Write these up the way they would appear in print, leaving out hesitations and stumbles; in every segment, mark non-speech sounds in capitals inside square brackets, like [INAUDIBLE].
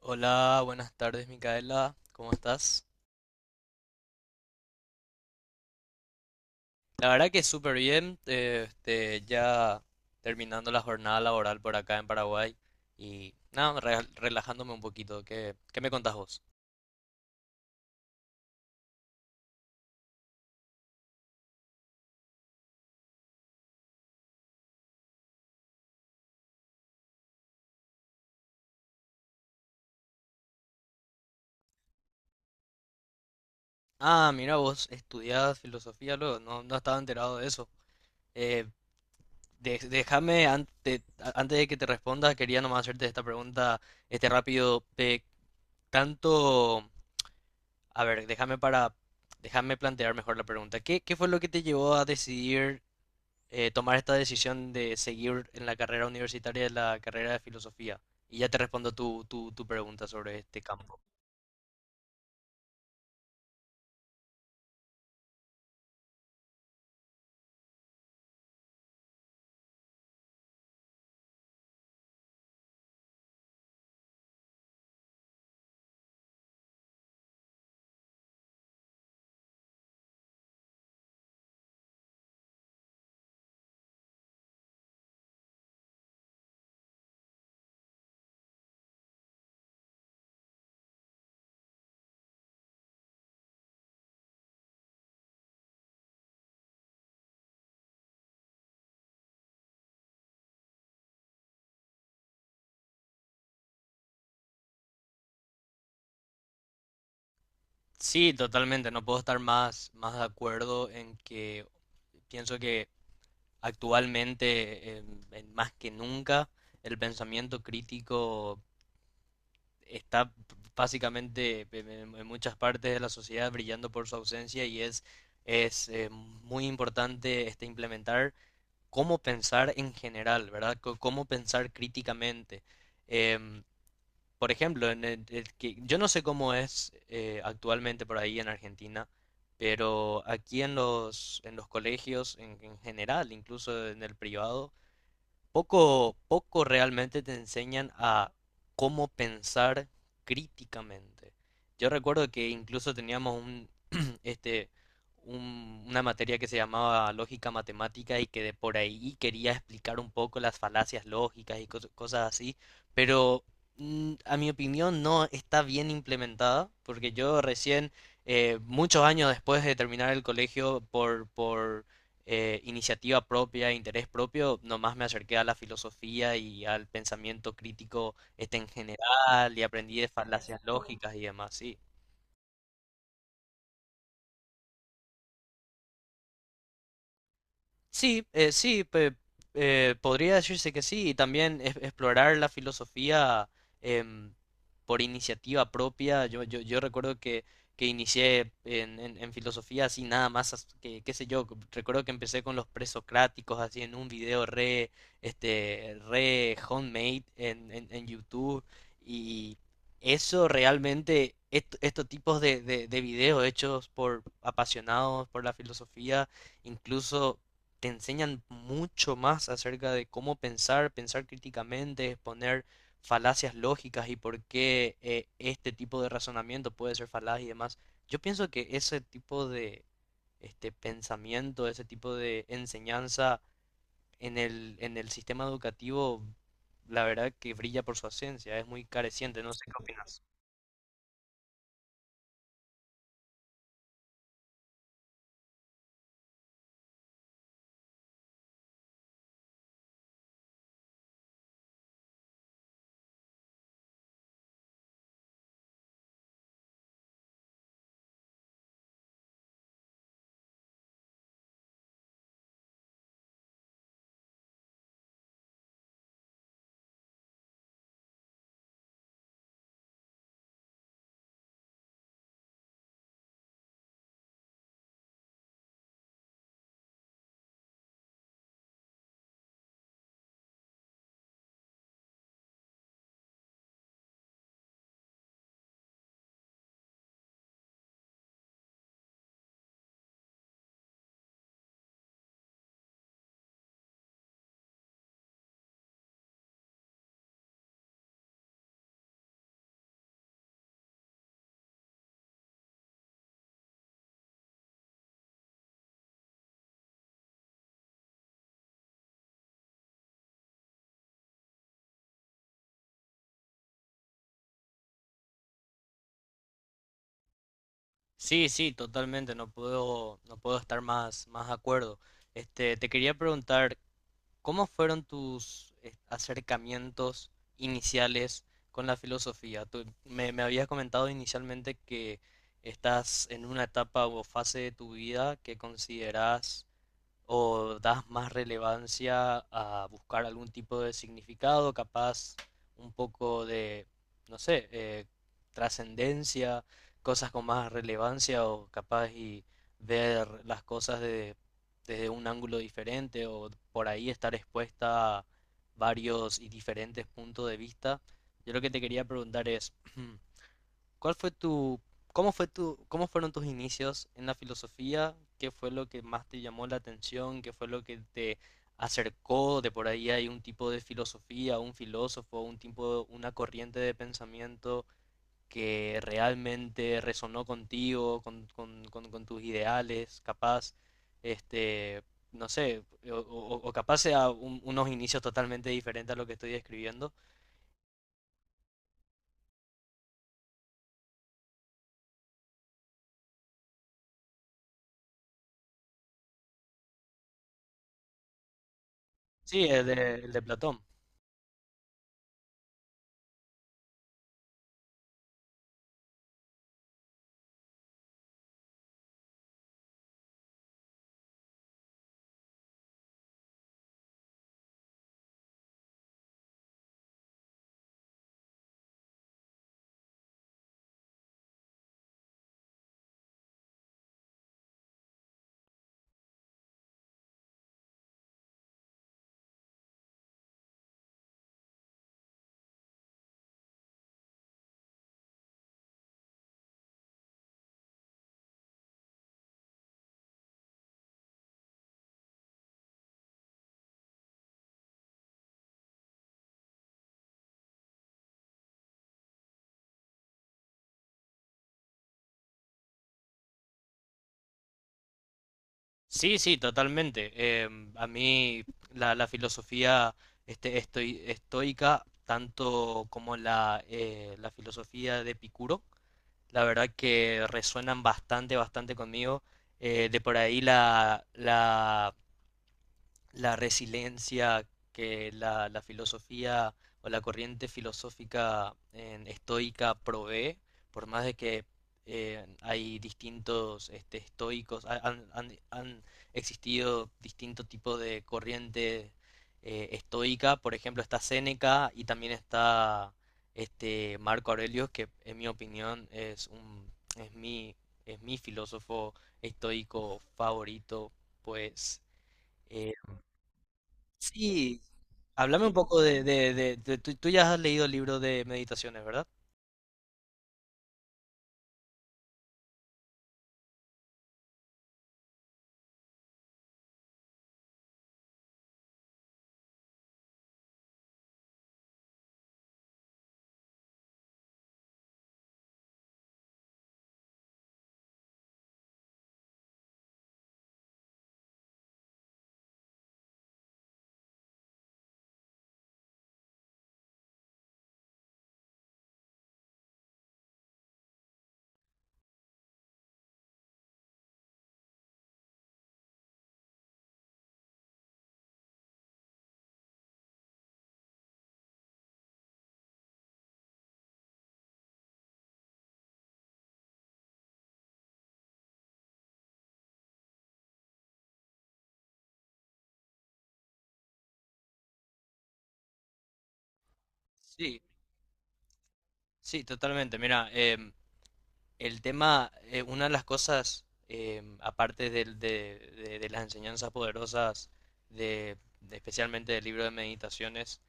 Hola, buenas tardes, Micaela. ¿Cómo estás? La verdad que súper bien. Ya terminando la jornada laboral por acá en Paraguay. Y nada, relajándome un poquito. ¿Qué me contás vos? Ah, mira, vos estudiás filosofía luego. No, no estaba enterado de eso. Eh, Déjame, antes de que te responda, quería nomás hacerte esta pregunta, este rápido. De tanto. A ver, déjame para. Déjame plantear mejor la pregunta. ¿Qué fue lo que te llevó a decidir tomar esta decisión de seguir en la carrera universitaria, en la carrera de filosofía? Y ya te respondo tu pregunta sobre este campo. Sí, totalmente, no puedo estar más de acuerdo en que pienso que actualmente, más que nunca, el pensamiento crítico está básicamente en muchas partes de la sociedad brillando por su ausencia y es muy importante este, implementar cómo pensar en general, ¿verdad? Cómo pensar críticamente. Em, por ejemplo, en yo no sé cómo es actualmente por ahí en Argentina, pero aquí en en los colegios en general, incluso en el privado, poco realmente te enseñan a cómo pensar críticamente. Yo recuerdo que incluso teníamos un, [CLEARS THROAT] este, una materia que se llamaba lógica matemática y que de por ahí quería explicar un poco las falacias lógicas y cosas así, pero a mi opinión no está bien implementada, porque yo recién, muchos años después de terminar el colegio, por iniciativa propia, interés propio, nomás me acerqué a la filosofía y al pensamiento crítico este en general y aprendí de falacias lógicas y demás, sí. Sí, sí, podría decirse que sí, y también explorar la filosofía em, por iniciativa propia. Yo recuerdo que inicié en filosofía así nada más, que, qué sé yo, recuerdo que empecé con los presocráticos así en un video re, este, re homemade en YouTube, y eso realmente, estos tipos de videos hechos por apasionados por la filosofía, incluso te enseñan mucho más acerca de cómo pensar, pensar críticamente, exponer falacias lógicas y por qué este tipo de razonamiento puede ser falaz y demás. Yo pienso que ese tipo de este pensamiento, ese tipo de enseñanza en en el sistema educativo, la verdad que brilla por su ausencia, es muy careciente, no sé cómo. Sí, sí, totalmente, no puedo estar más de acuerdo. Este, te quería preguntar, ¿cómo fueron tus acercamientos iniciales con la filosofía? Me habías comentado inicialmente que estás en una etapa o fase de tu vida que consideras o das más relevancia a buscar algún tipo de significado, capaz un poco de, no sé, trascendencia, cosas con más relevancia o capaz y ver las cosas desde un ángulo diferente o por ahí estar expuesta a varios y diferentes puntos de vista. Yo lo que te quería preguntar es, [CLEARS THROAT] ¿cuál fue tu, cómo fueron tus inicios en la filosofía? ¿Qué fue lo que más te llamó la atención? ¿Qué fue lo que te acercó? De por ahí hay un tipo de filosofía, un filósofo, un tipo, una corriente de pensamiento que realmente resonó contigo, con tus ideales, capaz, este, no sé, o capaz sea unos inicios totalmente diferentes a lo que estoy describiendo. Sí, el de Platón. Sí, sí, totalmente. A mí la filosofía estoica, tanto como la, la filosofía de Epicuro, la verdad que resuenan bastante, bastante conmigo. De por ahí la resiliencia que la filosofía o la corriente filosófica estoica provee, por más de que hay distintos este, estoicos, han existido distintos tipos de corriente estoica. Por ejemplo está Séneca y también está este Marco Aurelio, que en mi opinión es es mi filósofo estoico favorito, pues sí. Háblame un poco de, tú, tú ya has leído el libro de meditaciones, ¿verdad? Sí, sí, totalmente. Mira, em, el tema, una de las cosas, em, aparte de las enseñanzas poderosas, de especialmente del libro de meditaciones,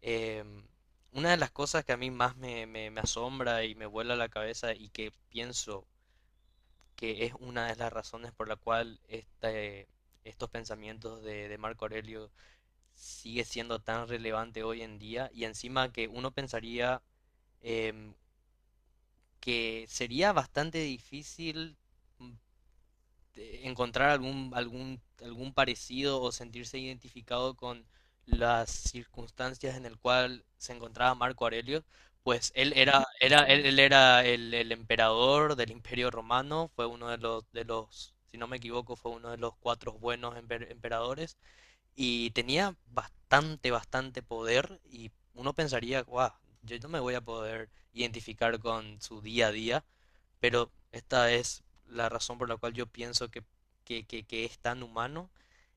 em, una de las cosas que a mí más me asombra y me vuela la cabeza y que pienso que es una de las razones por la cual este, estos pensamientos de Marco Aurelio sigue siendo tan relevante hoy en día, y encima que uno pensaría em, que sería bastante difícil mm, encontrar algún parecido o sentirse identificado con las circunstancias en el cual se encontraba Marco Aurelio, pues él era el emperador del Imperio Romano. Fue uno de los, si no me equivoco, fue uno de los cuatro buenos emperadores y tenía bastante, bastante poder y uno pensaría, guau, yo no me voy a poder identificar con su día a día, pero esta es la razón por la cual yo pienso que es tan humano.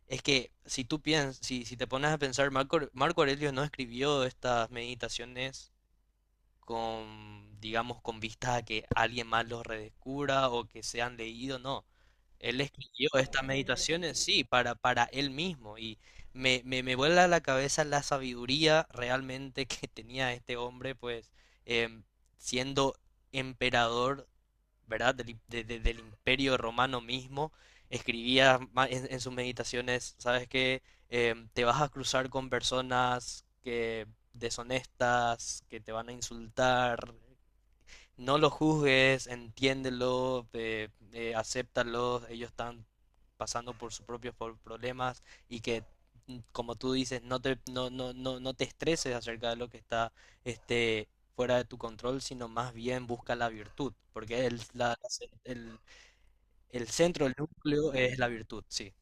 Es que si tú piensas, si, si te pones a pensar, Marco Aurelio no escribió estas meditaciones con, digamos, con vistas a que alguien más los redescubra o que sean leídos, no. Él escribió estas meditaciones, sí, para él mismo y me vuela la cabeza la sabiduría realmente que [LAUGHS] tenía este hombre, pues, em, siendo emperador, ¿verdad? Del imperio romano mismo, escribía en sus meditaciones, ¿sabes qué? Em, te vas a cruzar con personas que deshonestas, que te van a insultar, no los juzgues, entiéndelo, acéptalos, ellos están pasando por sus propios problemas y que, mm, como tú dices, no te, no te estreses acerca de lo que está este, fuera de tu control, sino más bien busca la virtud, porque el, el centro, el núcleo es la virtud, sí.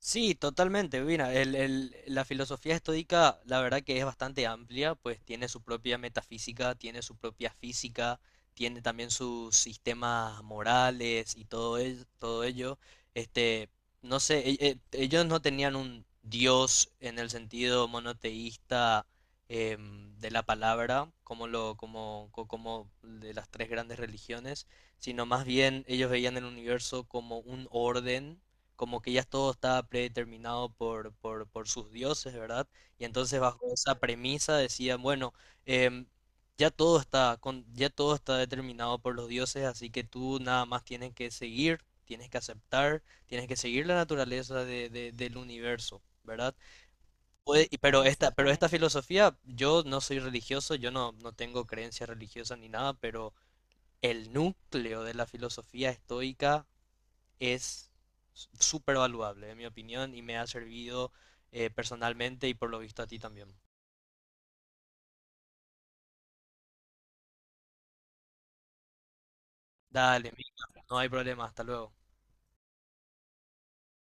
Sí, totalmente. Mira, la filosofía estoica, la verdad que es bastante amplia, pues tiene su propia metafísica, tiene su propia física, tiene también sus sistemas morales y todo ello. Este, no sé, ellos no tenían un dios en el sentido monoteísta em, de la palabra, como lo, como, co- como de las tres grandes religiones, sino más bien ellos veían el universo como un orden, como que ya todo estaba predeterminado por sus dioses, ¿verdad? Y entonces bajo esa premisa decían, bueno, em, ya todo está determinado por los dioses, así que tú nada más tienes que seguir, tienes que aceptar, tienes que seguir la naturaleza del universo, ¿verdad? Puede- y- pero esta exactamente filosofía, yo no soy religioso, yo no, no tengo creencias religiosas ni nada, pero el núcleo de la filosofía estoica es súper valuable, en mi opinión, y me ha servido personalmente y por lo visto a ti también. Dale, Mica, no hay problema, hasta luego.